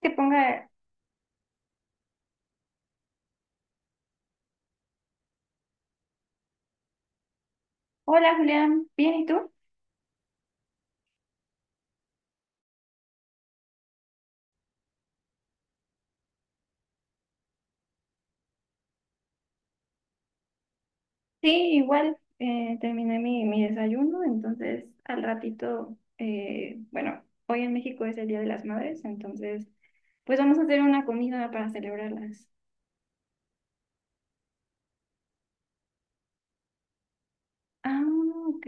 Que ponga, hola Julián, ¿bien y tú? Sí, igual, terminé mi desayuno, entonces al ratito, bueno, hoy en México es el Día de las Madres, entonces pues vamos a hacer una comida para celebrarlas. Ah, ok,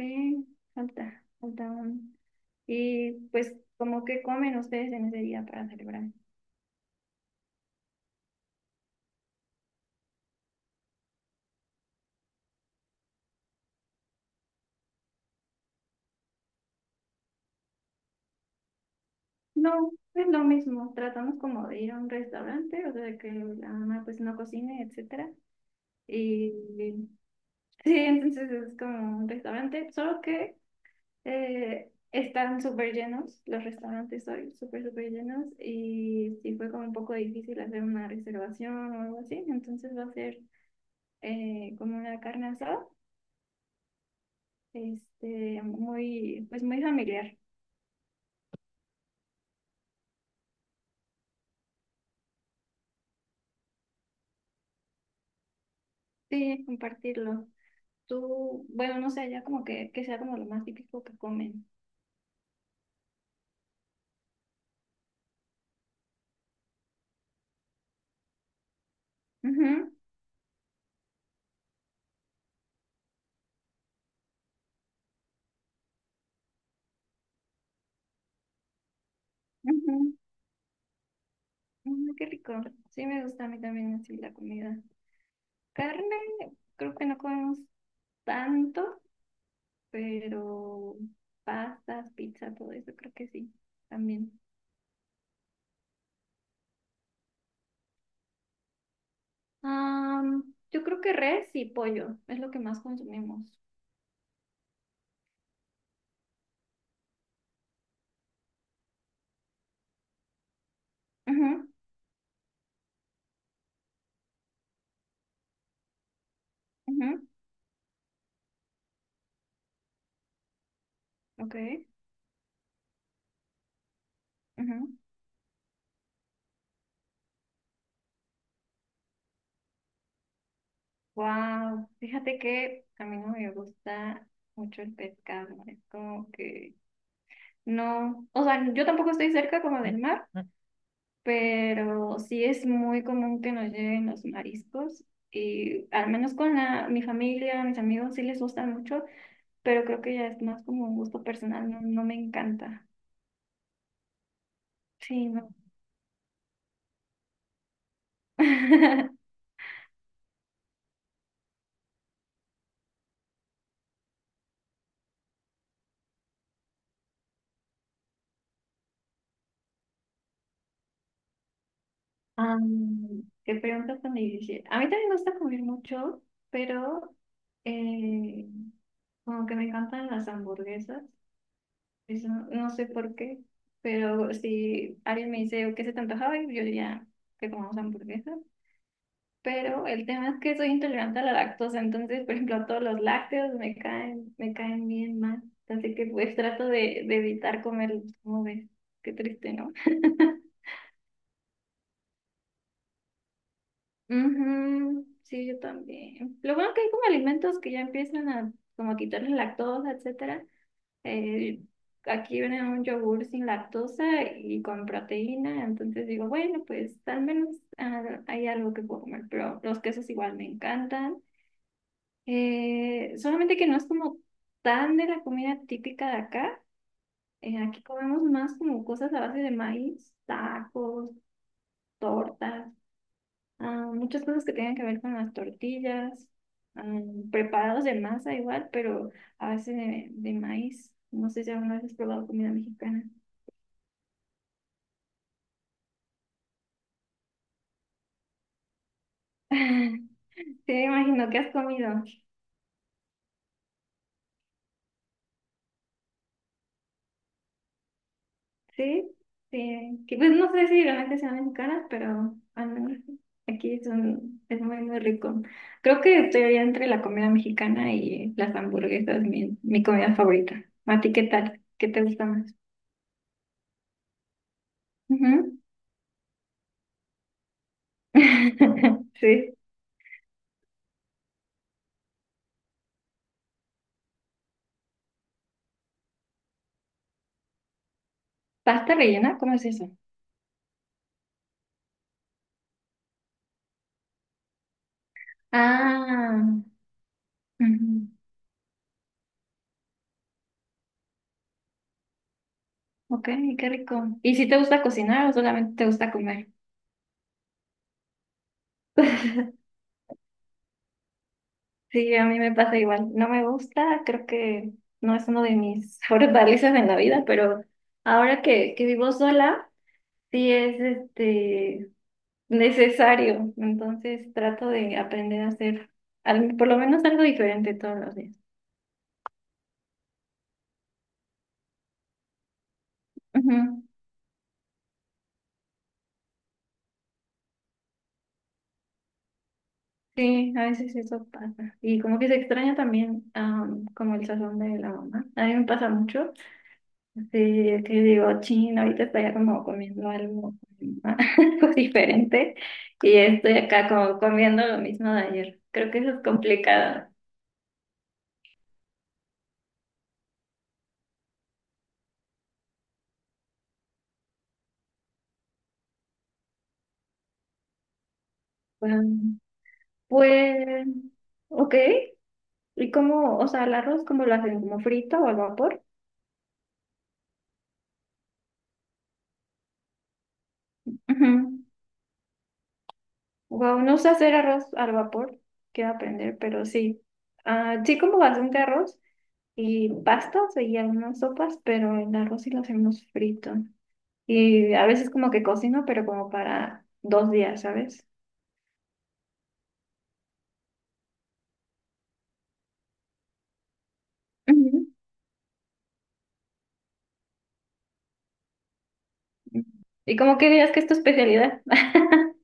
falta, falta un- Y pues, ¿cómo que comen ustedes en ese día para celebrar? No, es lo mismo, tratamos como de ir a un restaurante, o sea, que la mamá pues no cocine, etcétera. Y sí, entonces es como un restaurante, solo que están súper llenos, los restaurantes hoy súper, súper llenos y sí fue como un poco difícil hacer una reservación o algo así, entonces va a ser como una carne asada, este, pues muy familiar, sí, compartirlo. Tú, bueno, no sé, ya como que sea como lo más típico que comen. Ujú, ujú, ujú, qué rico, sí me gusta a mí también así la comida. Carne, creo que no comemos tanto, pero pastas, pizza, todo eso creo que sí, también. Yo creo que res y pollo es lo que más consumimos. Ujú, ujú, ok, ujú. Wow, fíjate que a mí no me gusta mucho el pescado, es como que no, o sea, yo tampoco estoy cerca como del mar, pero sí es muy común que nos lleguen los mariscos y al menos con mi familia, mis amigos sí les gusta mucho. Pero creo que ya es más como un gusto personal, no, no me encanta. Sí, no. Qué pregunta tan difícil. A mí también me gusta comer mucho, pero eh, como que me encantan las hamburguesas. Eso, no sé por qué, pero si alguien me dice, ¿qué se te antojaba? Yo diría que comamos hamburguesas. Pero el tema es que soy intolerante a la lactosa, entonces, por ejemplo, todos los lácteos me caen bien mal. Así que pues trato de evitar comerlos, ¿como ves? Qué triste, ¿no? Ujú, sí, yo también. Lo bueno que hay como alimentos que ya empiezan a como a quitarle lactosa, etcétera. Eh, aquí viene un yogur sin lactosa y con proteína, entonces digo, bueno, pues al menos ah, hay algo que puedo comer, pero los quesos igual me encantan. Solamente que no es como tan de la comida típica de acá. Aquí comemos más como cosas a base de maíz, tacos, tortas, ah, muchas cosas que tengan que ver con las tortillas, ah, preparados de masa igual, pero a base de maíz. No sé si alguna vez has probado comida mexicana. Te imagino que has comido. Sí, sí, que pues no sé si realmente sean mexicanas, pero al menos aquí son, es muy, muy rico. Creo que estoy ahí entre la comida mexicana y las hamburguesas, mi comida favorita. ¿A ti qué tal? ¿Qué te gusta más? Ujú. Sí. ¿Pasta rellena? ¿Cómo es eso? Ah, ujú. Ok, qué rico. ¿Y si te gusta cocinar o solamente te gusta comer? Sí, a mí me pasa igual. No me gusta, creo que no es uno de mis mejores valices en la vida, pero ahora que vivo sola, sí es este necesario. Entonces trato de aprender a hacer por lo menos algo diferente todos los días. Ujú. Sí, a veces eso pasa. Y como que se extraña también, am, como el sazón de la mamá. A mí me pasa mucho. Sí, es que digo, chino, ahorita estoy como comiendo algo, algo diferente y estoy acá como comiendo lo mismo de ayer. Creo que eso es complicado. Um, Pues, ok. ¿Y cómo, o sea, el arroz, cómo lo hacen? ¿Como frito o al vapor? Ujú. Wow, no sé hacer arroz al vapor, quiero aprender, pero sí. Ah, sí, como bastante arroz y pastas y algunas sopas, pero el arroz sí lo hacemos frito. Y a veces como que cocino, pero como para dos días, ¿sabes? Ujú. ¿Y como que dirías que es tu especialidad?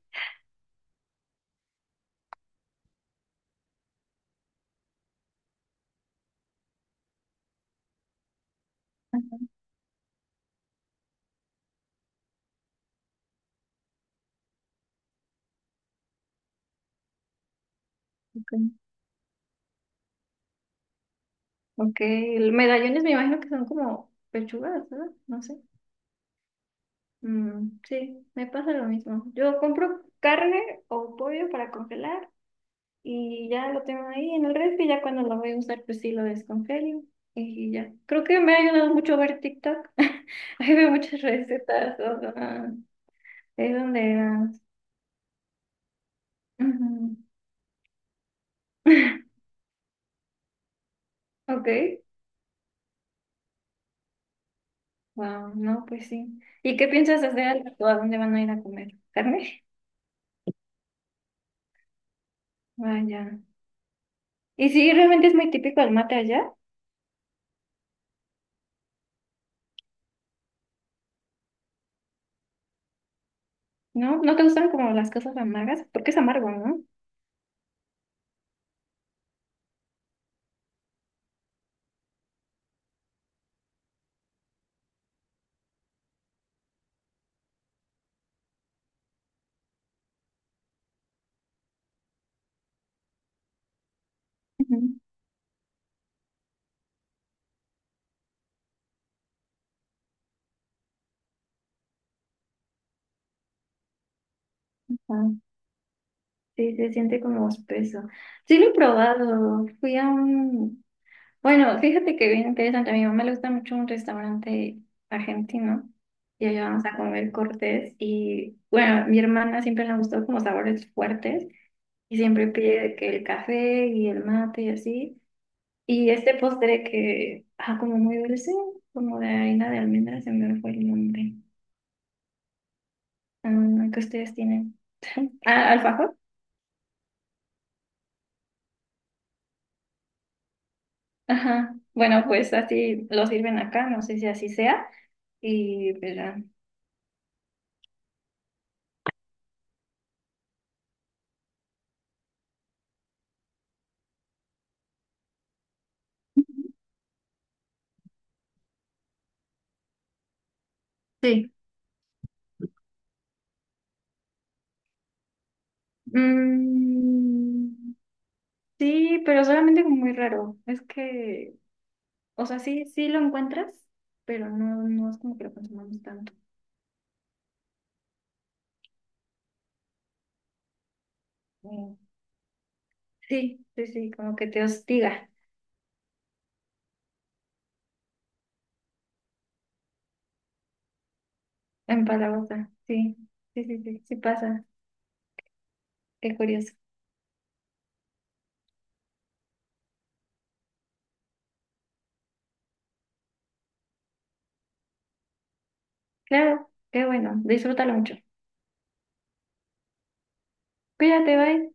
Ok. Ok, el medallones me imagino que son como pechugas, ¿verdad? No sé. Mm, sí, me pasa lo mismo. Yo compro carne o pollo para congelar y ya lo tengo ahí en el refri, ya cuando lo voy a usar pues sí lo descongelo y ya. Creo que me ha ayudado mucho ver TikTok. Ahí veo muchas recetas, o sea, es donde ah, ujú. Ok, wow, no, pues sí. ¿Y qué piensas hacer al rato? ¿A dónde van a ir a comer? ¿Carne? Vaya. Y sí, realmente es muy típico el mate allá, ¿no? ¿No te gustan como las cosas amargas? Porque es amargo, ¿no? Ujú. Ah, sí, se siente como espeso. Sí, lo he probado. Fui a un... Bueno, fíjate que bien interesante. A mi mamá le gusta mucho un restaurante argentino. Y allá vamos a comer cortes. Y bueno, a mi hermana siempre le gustó como sabores fuertes. Y siempre pide de que el café y el mate y así. Y este postre que, ah, como muy dulce, como de harina de almendras, se me fue el nombre. Ah, que ustedes tienen. Ah, alfajor. Ajá. Bueno, pues así lo sirven acá, no sé si así sea. Y, pero, sí. Mm, sí, pero solamente como muy raro. Es que, o sea, sí, sí lo encuentras, pero no, no es como que lo consumamos tanto. Mm. Sí, sí, sí, como que te hostiga. En Palabosa, sí, sí, sí, sí, sí pasa. Qué curioso. Claro, qué bueno. Disfrútalo mucho. Cuídate, bye.